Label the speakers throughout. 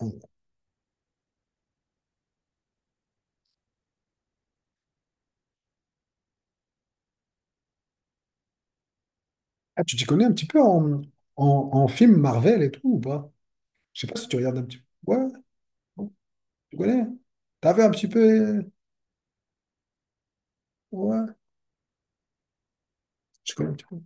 Speaker 1: Ah, tu t'y connais un petit peu en, en, en film Marvel et tout ou pas? Je sais pas si tu regardes un petit peu. Ouais, ouais, tu connais? T'as vu un petit peu? Ouais, tu connais un petit peu.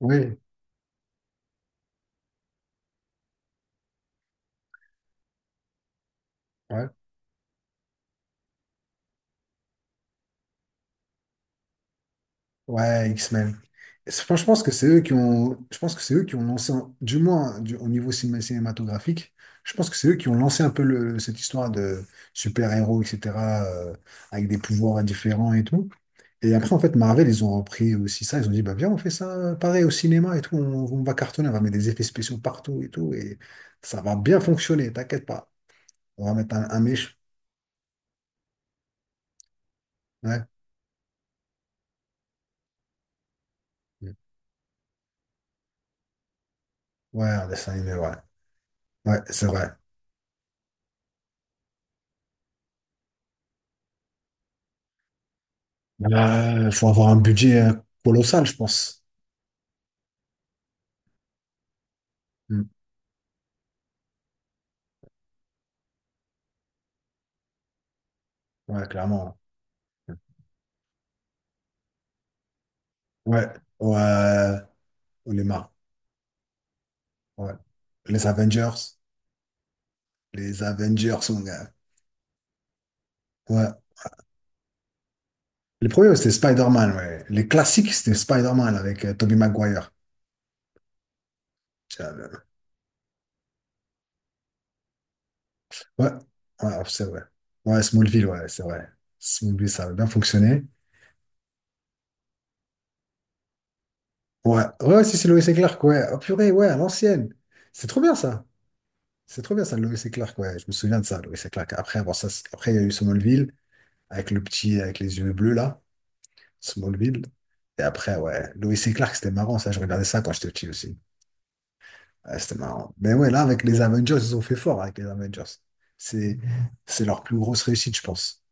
Speaker 1: Oui, ouais. Ouais, X-Men. Franchement, je pense que c'est eux qui ont, je pense que c'est eux qui ont lancé, au niveau cinématographique, je pense que c'est eux qui ont lancé un peu cette histoire de super-héros, etc., euh, avec des pouvoirs différents et tout. Et après, en fait, Marvel, ils ont repris aussi ça. Ils ont dit, bah, viens, on fait ça pareil au cinéma et tout. On va cartonner, on va mettre des effets spéciaux partout et tout. Et ça va bien fonctionner, t'inquiète pas. On va mettre un méchant. Ouais, ouais, un dessin animé, ouais. Ouais, c'est vrai. Il faut avoir un budget colossal, je pense. Mm. Ouais, clairement. Ouais. Ouais. On est marre. Ouais. Les Avengers. Les Avengers, mon gars. Ouais. Les premiers, c'était Spider-Man, ouais. Les classiques, c'était Spider-Man avec Tobey Maguire. J'avais- Ouais. Ouais, c'est vrai. Ouais, Smallville, ouais, c'est vrai. Smallville, ça avait bien fonctionné. Ouais. Ouais, si c'est Lois et Clark, ouais. Oh, purée, ouais, à l'ancienne. C'est trop bien, ça. C'est trop bien, ça, Lois et Clark, ouais. Je me souviens de ça, Lois et Clark. Après, avoir ça, après, il y a eu Smallville. Avec le petit, avec les yeux bleus, là, Smallville. Et après, ouais, Lois et Clark, c'était marrant, ça, je regardais ça quand j'étais petit aussi. Ouais, c'était marrant. Mais ouais, là, avec les Avengers, ils ont fait fort avec les Avengers. C'est, c'est leur plus grosse réussite, je pense.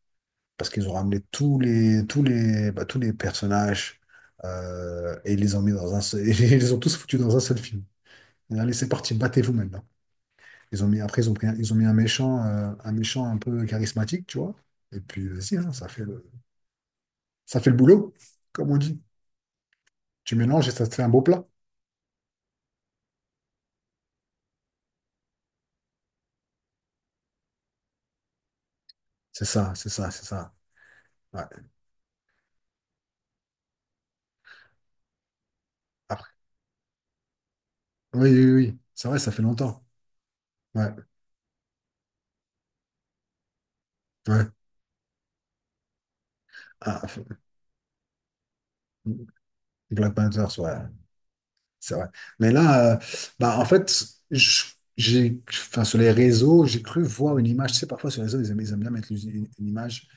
Speaker 1: Parce qu'ils ont ramené tous les personnages et ils les ont mis dans un seul, et ils les ont tous foutus dans un seul film. Et allez, c'est parti, battez-vous maintenant. Ils ont mis, après, ils ont mis un méchant, un méchant un peu charismatique, tu vois. Et puis, vas-y, hein, ça fait ça fait le boulot, comme on dit. Tu mélanges et ça te fait un beau plat. C'est ça, c'est ça, c'est ça. Ouais. Après. Oui, oui, oui. C'est vrai, ça fait longtemps. Ouais, ouais. Ah, f- Black Panthers, ouais, c'est vrai. Mais là, bah, en fait, je- J'ai, enfin, sur les réseaux, j'ai cru voir une image. Tu sais, parfois sur les réseaux, ils aiment bien mettre une image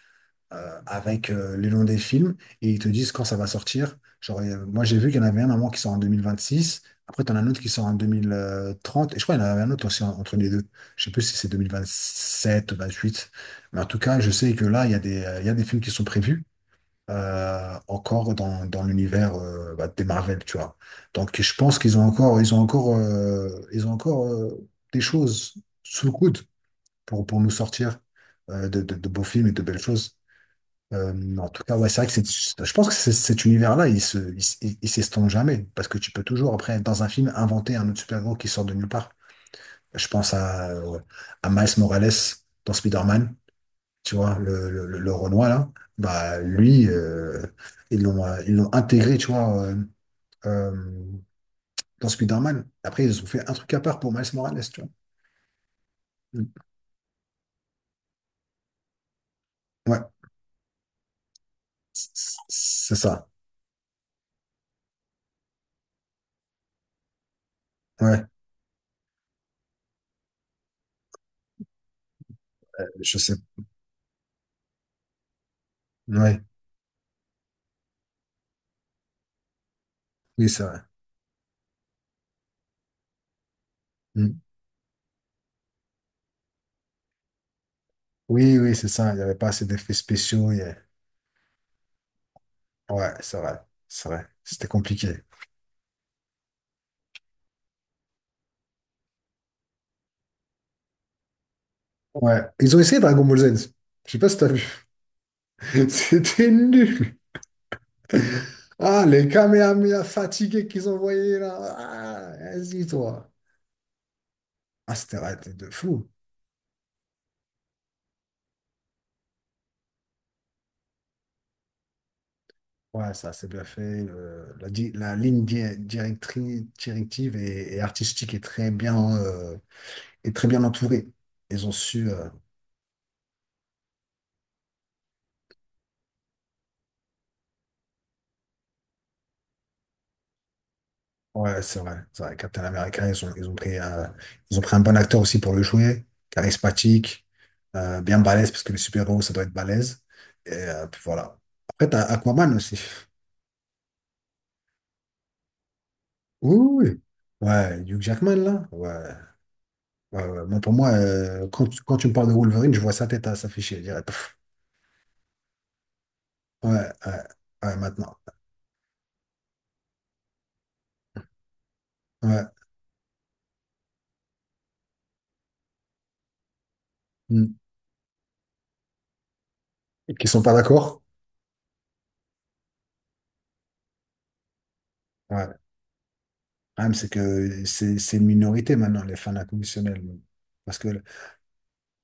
Speaker 1: avec le nom des films et ils te disent quand ça va sortir. Genre, moi, j'ai vu qu'il y en avait un à moi qui sort en 2026. Après, tu en as un autre qui sort en 2030. Et je crois qu'il y en avait un autre aussi en- entre les deux. Je sais plus si c'est 2027 ou 28. Mais en tout cas, je sais que là, il y a des films qui sont prévus encore dans l'univers des Marvel, tu vois. Donc, je pense qu'ils ont encore, ils ont encore des choses sous le coude pour nous sortir de beaux films et de belles choses. En tout cas, ouais, c'est vrai que je pense que cet univers-là, il se, il, s- il s'estompe jamais. Parce que tu peux toujours, après, dans un film, inventer un autre super-héros qui sort de nulle part. Je pense à Miles Morales dans Spider-Man, tu vois, le Renoir, là. Bah, lui, ils l'ont intégré, tu vois, euh, dans Spider-Man. Après, ils ont fait un truc à part pour Miles Morales, tu vois. Mm. Ouais, c'est ça. Ouais, je sais. Ouais, oui, c'est vrai. Mm. Oui, oui, c'est ça. Il n'y avait pas assez d'effets spéciaux. Ouais, c'est vrai. C'est vrai. C'était compliqué. Ouais. Ils ont essayé Dragon Ball Z. Je sais pas si t'as vu. C'était nul. Ah, les Kamehameha fatigués qu'ils envoyaient là. Ah, vas-y, toi. Ah, c'était raté de fou. Ouais, ça, c'est bien fait. La ligne directrice, directive et artistique est très bien entourée. Ils ont su. Ouais, c'est vrai. C'est vrai. Captain America, ils ont pris un bon acteur aussi pour le jouer, charismatique, bien balèze, parce que les super-héros, ça doit être balèze. Et puis voilà. Après, t'as Aquaman aussi. Oui, oui, oui. Ouais, Hugh Jackman, là. Ouais. Ouais, ouais. Moi, pour moi, quand tu me parles de Wolverine, je vois sa tête à s'afficher. Je dirais, pff. Ouais, ouais, ouais, maintenant. Ouais. Hmm. Et qu'ils sont pas d'accord? Ouais. Le problème, c'est que c'est une minorité maintenant, les fans inconditionnels. Parce que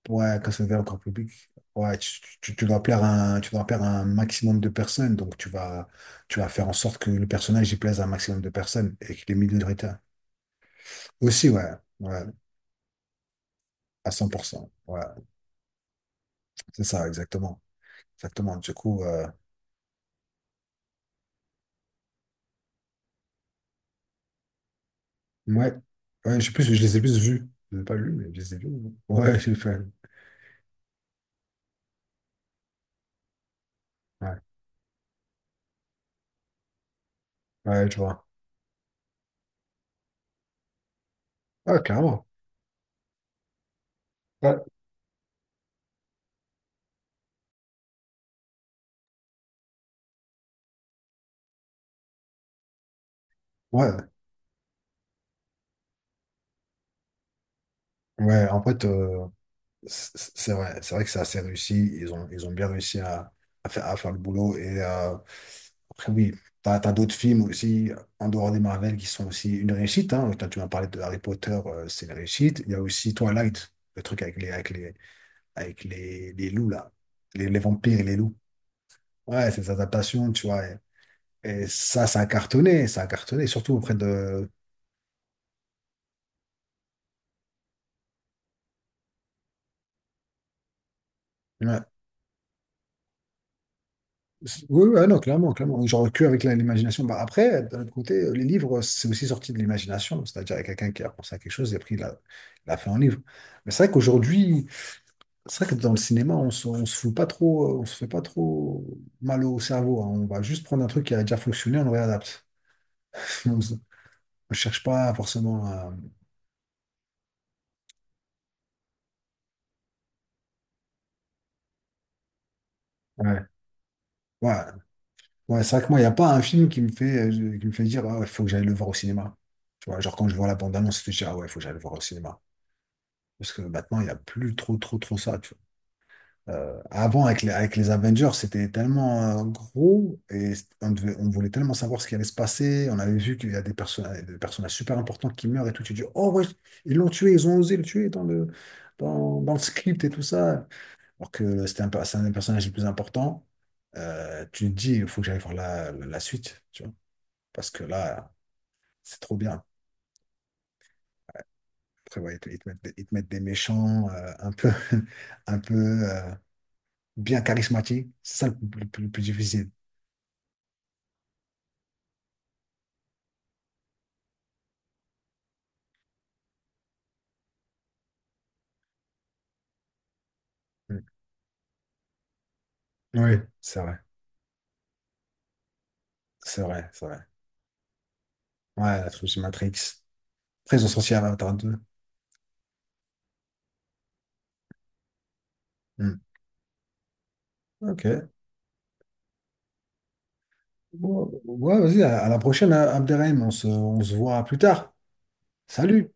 Speaker 1: Ouais, quand c'est ouvert au grand public, ouais, tu dois plaire à un, tu dois plaire à un maximum de personnes, donc tu vas faire en sorte que le personnage y plaise à un maximum de personnes et qu'il est minoritaire. Aussi, ouais, ouais, à 100%. Ouais, c'est ça, exactement. Exactement. Du coup, ouais, ouais, je sais plus, je les ai plus vus. Je les ai pas lus, mais je les ai vus. Ouais, j'ai fait. Ouais, ouais, je vois. Ouais, carrément. Ouais, ouais, ouais, en fait. C'est vrai que c'est assez réussi. Ils ont bien réussi à faire le boulot. Et après, oui, t'as d'autres films aussi, en dehors des Marvel, qui sont aussi une réussite. Hein. Toi, tu m'as parlé de Harry Potter, c'est une réussite. Il y a aussi Twilight, le truc avec les loups, là. Les vampires et les loups. Ouais, ces adaptations, tu vois. Et ça, ça a cartonné, surtout auprès de, ouais, Oui, oui, ah non, clairement, clairement. Genre que avec l'imagination. Bah, après, d'un autre côté, les livres, c'est aussi sorti de l'imagination. C'est-à-dire, il y a quelqu'un qui a pensé à quelque chose et pris la, la fait en livre. Mais c'est vrai qu'aujourd'hui, c'est vrai que dans le cinéma, on se fout pas trop, on se fait pas trop mal au cerveau. Hein. On va juste prendre un truc qui a déjà fonctionné, on le réadapte. On se- cherche pas forcément à- Ouais. Ouais, ouais, c'est vrai que moi, il n'y a pas un film qui me fait dire, ah, il faut que j'aille le voir au cinéma. Tu vois, genre quand je vois la bande-annonce, je me dis, ah ouais, il faut que j'aille le voir au cinéma. Parce que maintenant, il n'y a plus trop, trop, trop ça, tu vois. Avant, avec les Avengers, c'était tellement gros et on voulait tellement savoir ce qui allait se passer. On avait vu qu'il y a des personnages super importants qui meurent et tout. Tu dis, oh ouais, ils l'ont tué, ils ont osé le tuer dans dans le script et tout ça. Alors que c'était c'est un des personnages les plus importants. Tu te dis, il faut que j'aille voir la suite, tu vois. Parce que là, c'est trop bien. Après, ouais, ils te mettent des méchants un peu. Bien charismatique. C'est ça le plus difficile. Mm. Oui, c'est vrai. C'est vrai, c'est vrai. Ouais, la trilogie Matrix. Après, ils ont sorti Avatar 2. Mm. Ok. Bon, ouais, vas-y, à la prochaine, hein, Abderrahim. On se voit plus tard. Salut!